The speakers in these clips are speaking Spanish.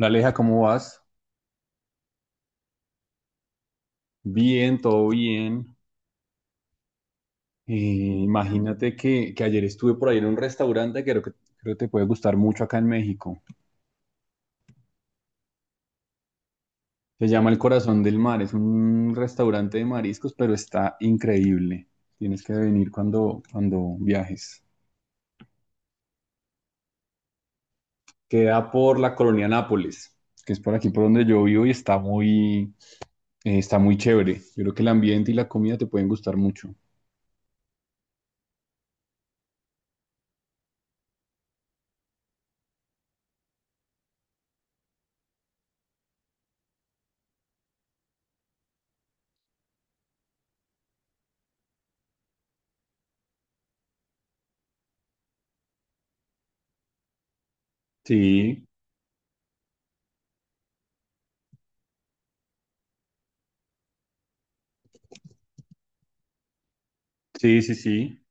Aleja, ¿cómo vas? Bien, todo bien. Imagínate que ayer estuve por ahí en un restaurante que creo que creo que te puede gustar mucho acá en México. Se llama El Corazón del Mar, es un restaurante de mariscos, pero está increíble. Tienes que venir cuando viajes. Queda por la colonia Nápoles, que es por aquí por donde yo vivo y está muy chévere. Yo creo que el ambiente y la comida te pueden gustar mucho. Sí, sí, sí, sí.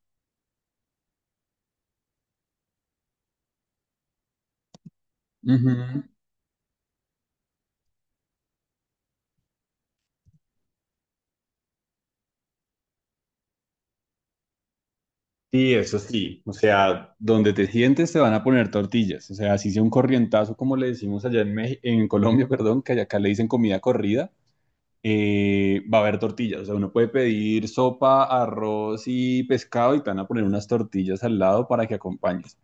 Ujú. Sí, eso sí. O sea, donde te sientes te van a poner tortillas. O sea, así sea un corrientazo, como le decimos allá en en Colombia, perdón, que allá acá le dicen comida corrida, va a haber tortillas. O sea, uno puede pedir sopa, arroz y pescado y te van a poner unas tortillas al lado para que acompañes.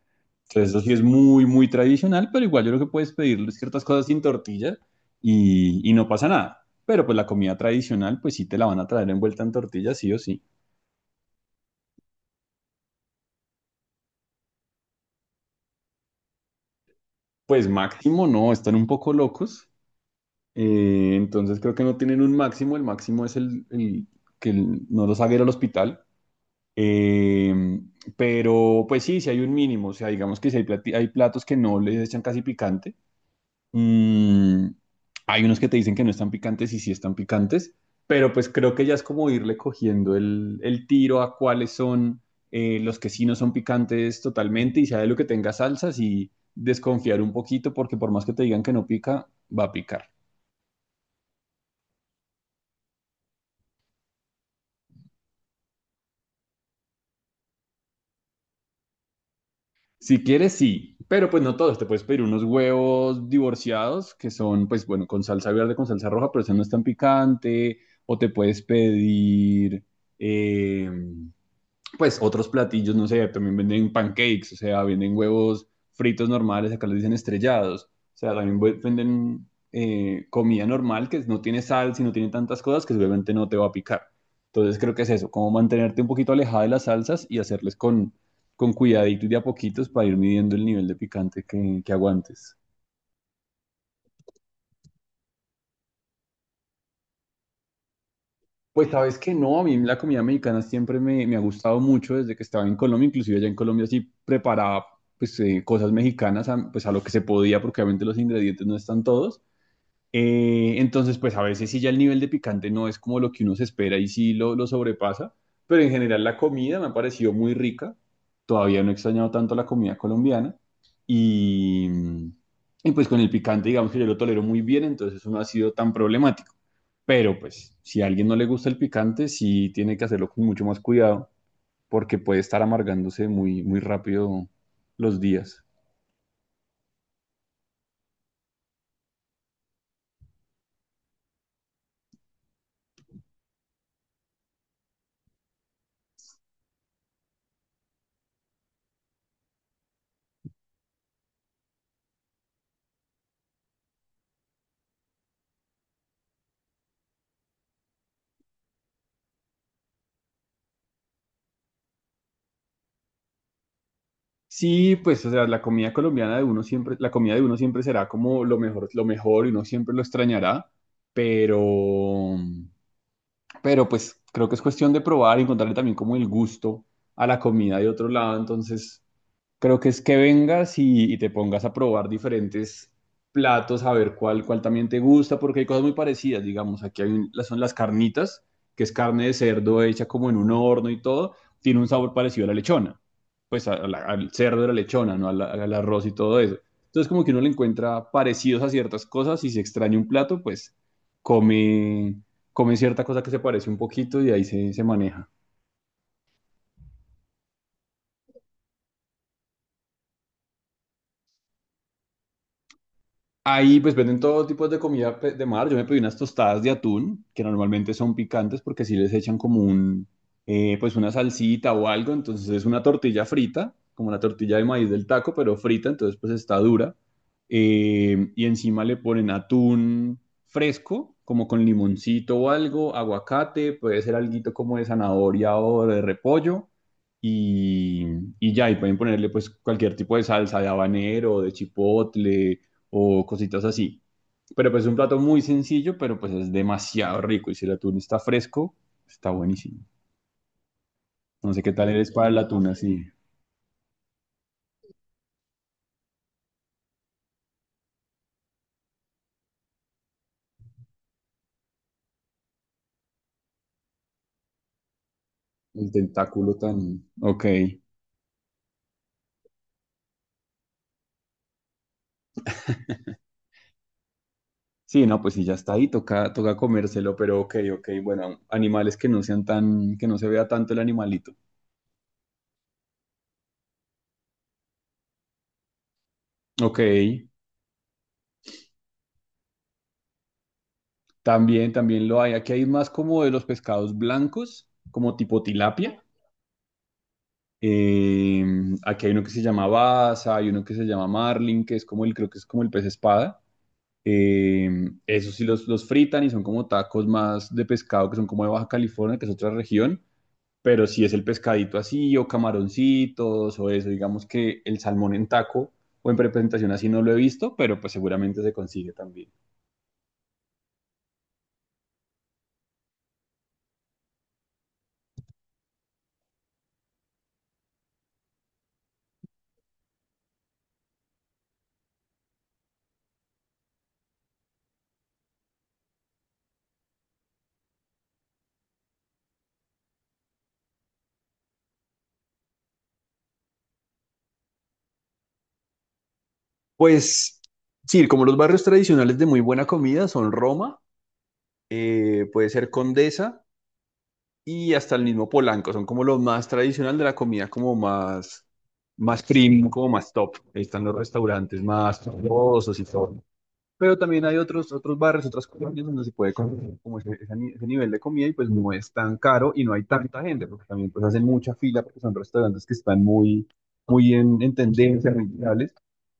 Entonces, eso sí es muy, muy tradicional, pero igual yo creo que puedes pedir ciertas cosas sin tortilla y no pasa nada. Pero pues la comida tradicional, pues sí te la van a traer envuelta en tortilla, sí o sí. Pues máximo, no, están un poco locos. Entonces creo que no tienen un máximo, el máximo es el no los haga ir al hospital. Eh, pero pues sí, sí hay un mínimo, o sea, digamos que si hay, hay platos que no les echan casi picante, Mm, hay unos que te dicen que no están picantes y sí están picantes, pero pues creo que ya es como irle cogiendo el tiro a cuáles son los que sí no son picantes totalmente y sea de lo que tenga salsas y desconfiar un poquito porque por más que te digan que no pica, va a picar. Si quieres, sí, pero pues no todos. Te puedes pedir unos huevos divorciados que son, pues bueno, con salsa verde, con salsa roja, pero eso no es tan picante. O te puedes pedir, eh, pues otros platillos, no sé, también venden pancakes, o sea, venden huevos fritos normales, acá les dicen estrellados, o sea, también venden comida normal que no tiene sal, si no tiene tantas cosas que seguramente no te va a picar. Entonces creo que es eso, como mantenerte un poquito alejada de las salsas y hacerles con cuidadito y de a poquitos para ir midiendo el nivel de picante que aguantes. Pues sabes que no, a mí la comida mexicana siempre me ha gustado mucho desde que estaba en Colombia, inclusive allá en Colombia sí preparaba pues cosas mexicanas a, pues a lo que se podía, porque obviamente los ingredientes no están todos, entonces, pues a veces sí ya el nivel de picante no es como lo que uno se espera y sí lo sobrepasa, pero en general la comida me ha parecido muy rica. Todavía no he extrañado tanto la comida colombiana y, y pues con el picante digamos que yo lo tolero muy bien, entonces eso no ha sido tan problemático. Pero pues si a alguien no le gusta el picante, sí tiene que hacerlo con mucho más cuidado porque puede estar amargándose muy, muy rápido los días. Sí, pues, o sea, la comida colombiana de uno siempre, la comida de uno siempre será como lo mejor y uno siempre lo extrañará, pero, pero pues creo que es cuestión de probar y encontrarle también como el gusto a la comida de otro lado, entonces creo que es que vengas y te pongas a probar diferentes platos, a ver cuál también te gusta, porque hay cosas muy parecidas, digamos. Aquí hay son las carnitas, que es carne de cerdo hecha como en un horno y todo, tiene un sabor parecido a la lechona, pues al cerdo de la lechona, ¿no? Al arroz y todo eso. Entonces como que uno le encuentra parecidos a ciertas cosas y si extraña un plato, pues come, come cierta cosa que se parece un poquito y ahí se maneja. Ahí pues venden todo tipo de comida de mar. Yo me pedí unas tostadas de atún, que normalmente son picantes porque si les echan como pues una salsita o algo. Entonces es una tortilla frita, como la tortilla de maíz del taco, pero frita, entonces pues está dura. Y encima le ponen atún fresco, como con limoncito o algo, aguacate, puede ser alguito como de zanahoria o de repollo. Y, y ya, y pueden ponerle pues cualquier tipo de salsa de habanero, de chipotle o cositas así. Pero pues es un plato muy sencillo, pero pues es demasiado rico. Y si el atún está fresco, está buenísimo. No sé qué tal eres para el atún así, el tentáculo tan... Ok. Sí, no, pues si ya está ahí, toca comérselo, pero ok, ok. Bueno, animales que no sean tan, que no se vea tanto el animalito. Ok. También, también lo hay. Aquí hay más como de los pescados blancos, como tipo tilapia. Eh, Aquí hay uno que se llama Baza, hay uno que se llama Marlin, que es como el, creo que es como el pez espada. Eh, Esos sí los fritan y son como tacos más de pescado, que son como de Baja California, que es otra región. Pero si es el pescadito así, o camaroncitos, o eso, digamos que el salmón en taco o en presentación así no lo he visto, pero pues seguramente se consigue también. Pues sí, como los barrios tradicionales de muy buena comida son Roma, puede ser Condesa, y hasta el mismo Polanco, son como lo más tradicional de la comida, como más, más premium, como más top. Ahí están los restaurantes más famosos y todo. Pero también hay otros, otros bares, otras colonias donde se puede comer como ese, ese nivel de comida y pues no es tan caro y no hay tanta gente, porque también pues hacen mucha fila porque son restaurantes que están muy, muy en tendencia, muy virales.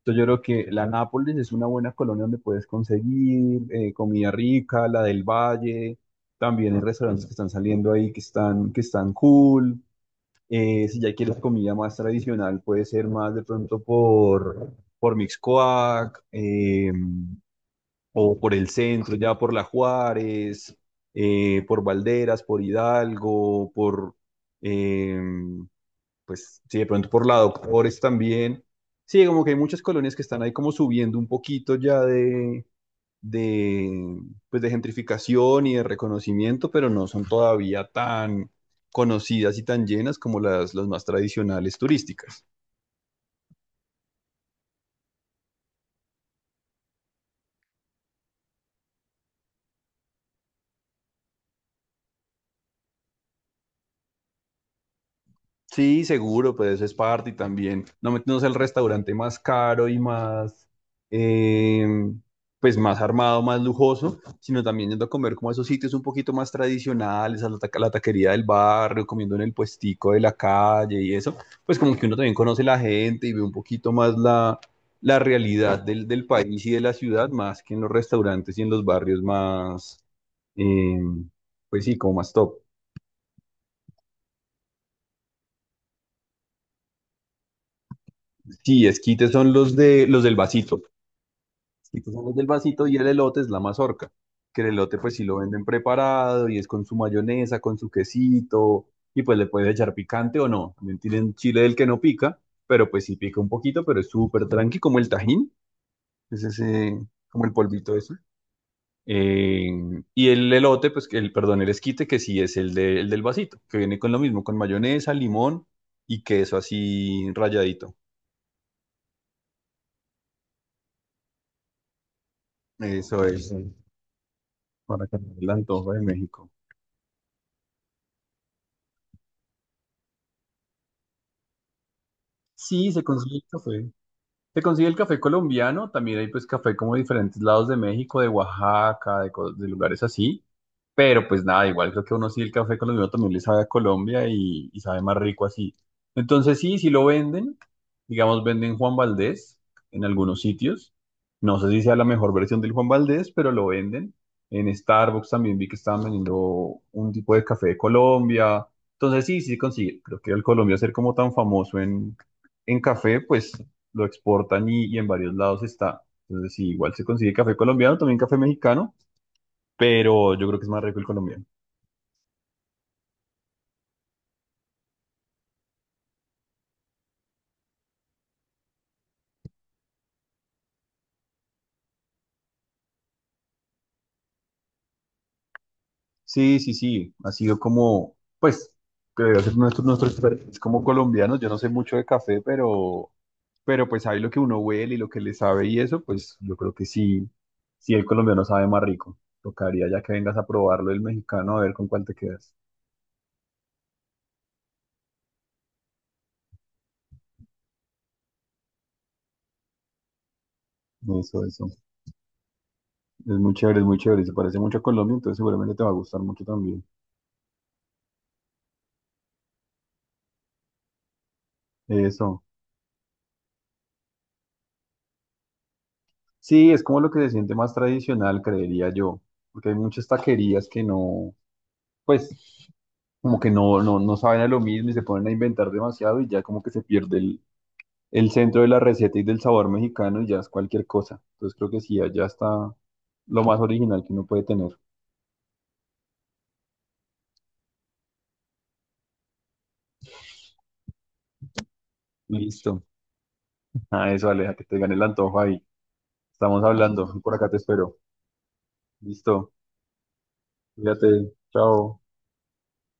Entonces yo creo que la Nápoles es una buena colonia donde puedes conseguir comida rica, la del Valle, también hay restaurantes que están saliendo ahí que están cool. Si ya quieres comida más tradicional, puede ser más de pronto por Mixcoac. O por el centro, ya por La Juárez, por Valderas, por Hidalgo, eh, pues sí, de pronto por la Doctores también. Sí, como que hay muchas colonias que están ahí como subiendo un poquito ya de, pues de gentrificación y de reconocimiento, pero no son todavía tan conocidas y tan llenas como las más tradicionales turísticas. Sí, seguro, pero eso es parte y también. No meternos al restaurante más caro y más, eh, pues más armado, más lujoso, sino también yendo a comer como a esos sitios un poquito más tradicionales, a a la taquería del barrio, comiendo en el puestico de la calle y eso. Pues como que uno también conoce la gente y ve un poquito más la, la realidad del, del país y de la ciudad, más que en los restaurantes y en los barrios más, eh, pues sí, como más top. Sí, esquites son los de los del vasito. Y tú sacas del vasito y el elote es la mazorca. Que el elote pues sí lo venden preparado y es con su mayonesa, con su quesito. Y pues le puedes echar picante o no. También tienen chile del que no pica, pero pues sí pica un poquito, pero es súper tranqui, como el tajín. Es ese, como el polvito ese. Eh, y el elote, pues que el, perdón, el esquite, que sí es el, el del vasito, que viene con lo mismo, con mayonesa, limón y queso así rayadito. Eso es, para que el antojo de México. Sí, se consigue el café. Se consigue el café colombiano, también hay pues café como de diferentes lados de México, de Oaxaca, de lugares así, pero pues nada, igual creo que uno sí el café colombiano también le sabe a Colombia y sabe más rico así. Entonces sí, sí lo venden, digamos venden Juan Valdés en algunos sitios, no sé si sea la mejor versión del Juan Valdés, pero lo venden. En Starbucks también vi que estaban vendiendo un tipo de café de Colombia, entonces sí, sí se consigue. Creo que el Colombia ser como tan famoso en café, pues lo exportan y en varios lados está. Entonces, sí, igual se consigue café colombiano, también café mexicano, pero yo creo que es más rico el colombiano. Sí, sí, sí, ha sido como, pues, que debe ser nuestro, nuestro expertise como colombianos. Yo no sé mucho de café, pero pues ahí lo que uno huele y lo que le sabe y eso, pues yo creo que sí, sí el colombiano sabe más rico. Tocaría ya que vengas a probarlo el mexicano a ver con cuál te quedas. Eso, eso. Es muy chévere, es muy chévere. Se parece mucho a Colombia, entonces seguramente te va a gustar mucho también. Eso. Sí, es como lo que se siente más tradicional, creería yo, porque hay muchas taquerías que no, pues como que no, no, no saben a lo mismo y se ponen a inventar demasiado y ya como que se pierde el centro de la receta y del sabor mexicano y ya es cualquier cosa. Entonces creo que sí, allá está lo más original que uno puede tener. Listo. Ah, eso, Aleja, que te gane el antojo ahí. Estamos hablando, por acá te espero. Listo. Cuídate. Chao.